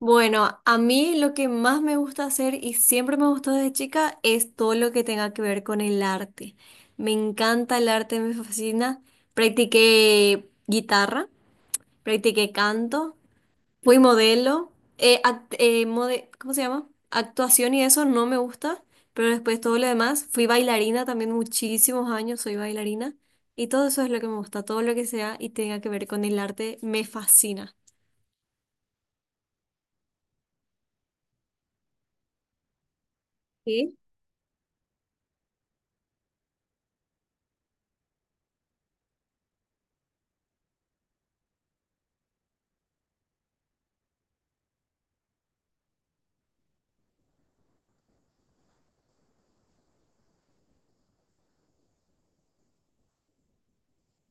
Bueno, a mí lo que más me gusta hacer y siempre me gustó desde chica es todo lo que tenga que ver con el arte. Me encanta el arte, me fascina. Practiqué guitarra, practiqué canto, fui modelo, ¿cómo se llama? Actuación y eso no me gusta, pero después todo lo demás. Fui bailarina también muchísimos años, soy bailarina y todo eso es lo que me gusta, todo lo que sea y tenga que ver con el arte me fascina. Sí,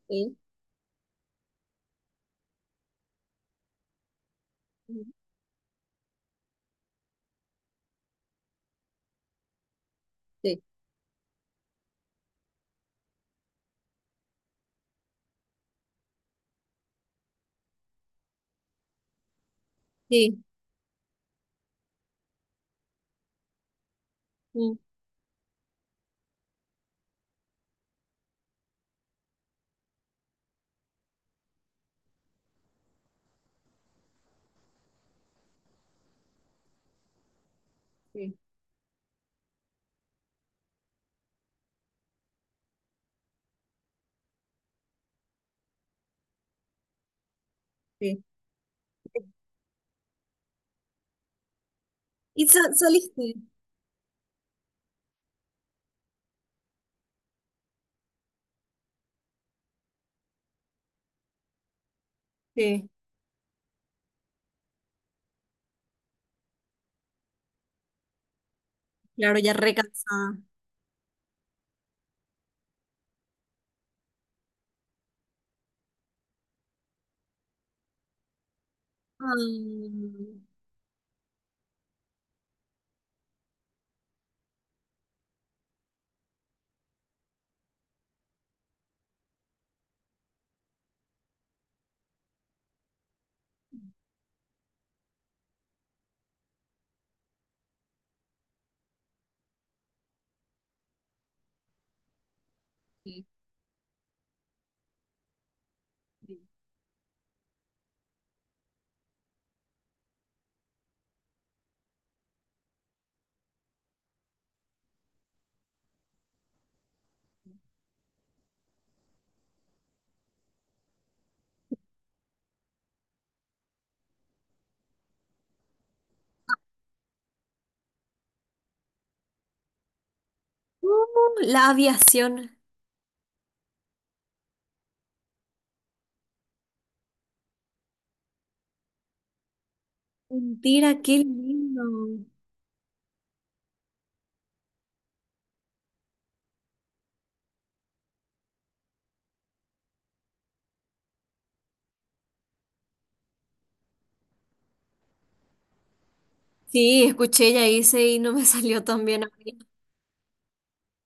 sí, sí, sí. Sí, sí. ¿Y saliste? Sí, claro, ya recansada. Ah. Sí, sí. Uh, la aviación. Mentira, qué lindo. Sí, escuché, ya hice y no me salió tan bien a mí.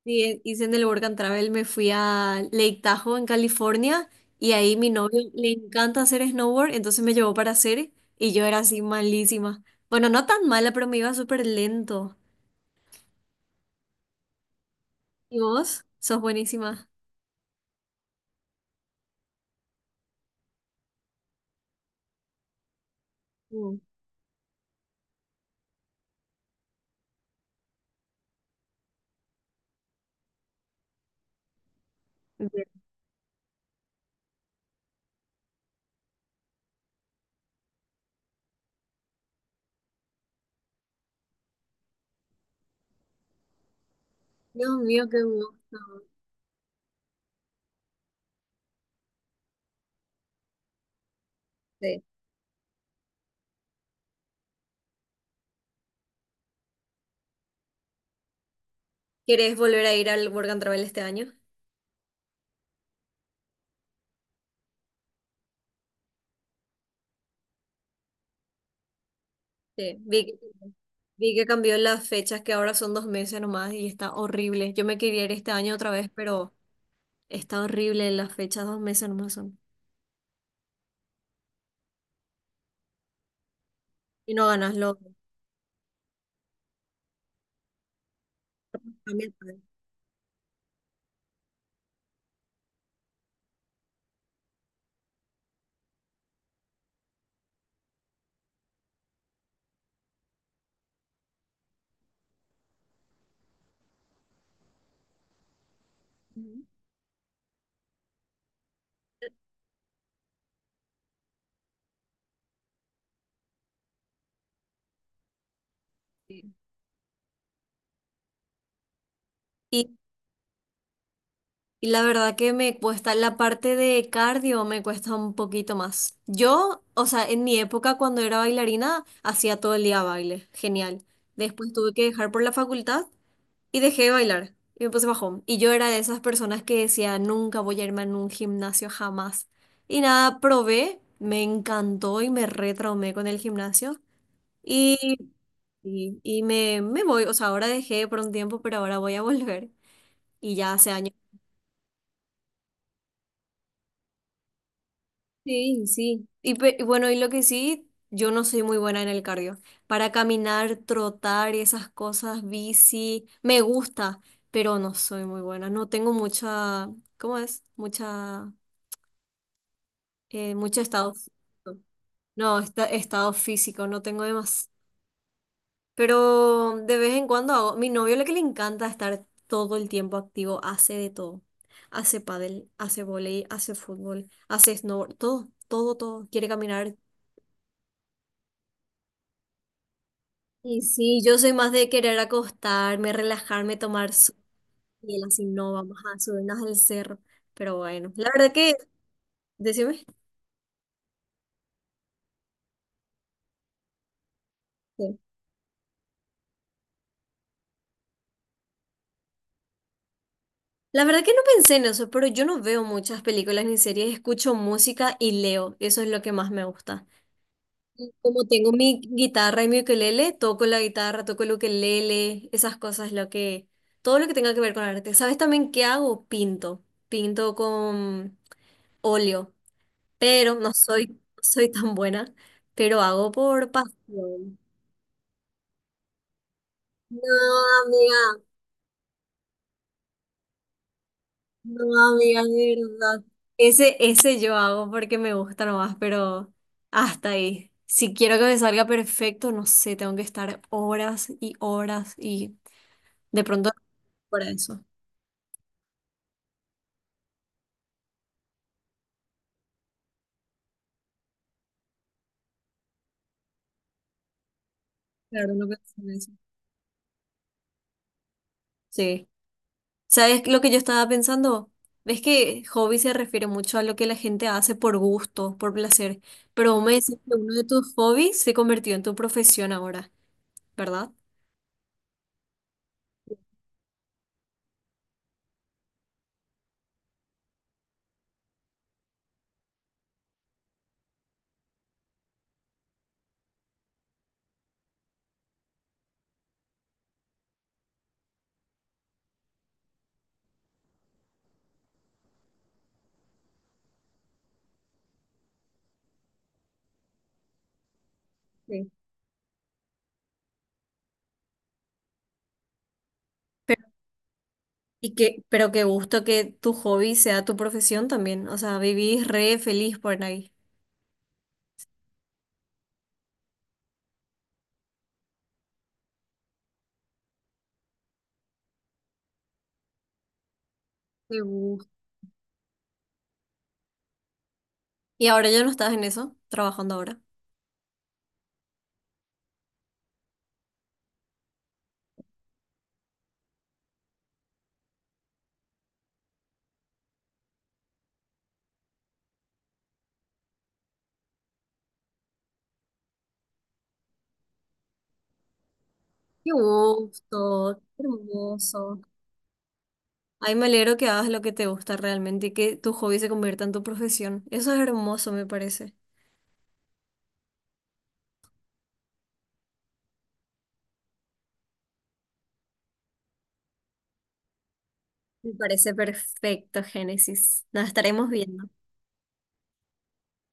Sí, hice en el Work and Travel, me fui a Lake Tahoe en California y ahí mi novio le encanta hacer snowboard, entonces me llevó para hacer y yo era así malísima. Bueno, no tan mala, pero me iba súper lento. ¿Y vos? Sos buenísima. Mm. Dios mío, qué gusto. Sí. ¿Querés volver a ir al Work and Travel este año? Sí. Vi que cambió las fechas, que ahora son dos meses nomás y está horrible. Yo me quería ir este año otra vez, pero está horrible las fechas, dos meses nomás son. Y no ganas lo. Cambia todo. Ujú. Sí. Y, y la verdad que me cuesta, la parte de cardio me cuesta un poquito más. Yo, o sea, en mi época cuando era bailarina, hacía todo el día baile, genial. Después tuve que dejar por la facultad y dejé de bailar y me puse bajón. Y yo era de esas personas que decía, nunca voy a irme a un gimnasio jamás. Y nada, probé, me encantó y me retraumé con el gimnasio. Y, y me voy, o sea, ahora dejé por un tiempo, pero ahora voy a volver. Y ya hace años. Sí, sí. Y, y bueno, y lo que sí, yo no soy muy buena en el cardio. Para caminar, trotar y esas cosas, bici, me gusta, pero no soy muy buena. No tengo mucha, ¿cómo es? Mucha... mucho estado físico. No, estado físico, no tengo demás. Pero de vez en cuando hago. Mi novio lo que le encanta es estar todo el tiempo activo, hace de todo. Hace pádel, hace vóley, hace fútbol, hace snowboard, todo, todo, todo. Quiere caminar. Y sí, yo soy más de querer acostarme, relajarme, tomar sol, y él así no, vamos a subirnos al cerro. Pero bueno, la verdad que, decime. Sí. La verdad que no pensé en eso, pero yo no veo muchas películas ni series, escucho música y leo, eso es lo que más me gusta. Y como tengo mi guitarra y mi ukelele, toco la guitarra, toco el ukelele, esas cosas, lo que, todo lo que tenga que ver con arte. ¿Sabes también qué hago? Pinto, pinto con óleo, pero no soy, no soy tan buena, pero hago por pasión. No, amiga. No, amiga, de verdad. Ese yo hago porque me gusta nomás, pero hasta ahí. Si quiero que me salga perfecto, no sé, tengo que estar horas y horas y de pronto para eso. Claro, no pienso en eso. Sí. ¿Sabes lo que yo estaba pensando? Ves que hobby se refiere mucho a lo que la gente hace por gusto, por placer, pero vos me decís que uno de tus hobbies se convirtió en tu profesión ahora, ¿verdad? Sí. Y que, pero qué gusto que tu hobby sea tu profesión también. O sea, vivís re feliz por ahí. Qué gusto. Y ahora ya no estás en eso, trabajando ahora. Qué gusto, qué hermoso. Ay, me alegro que hagas lo que te gusta realmente y que tu hobby se convierta en tu profesión. Eso es hermoso, me parece. Me parece perfecto, Génesis. Nos estaremos viendo.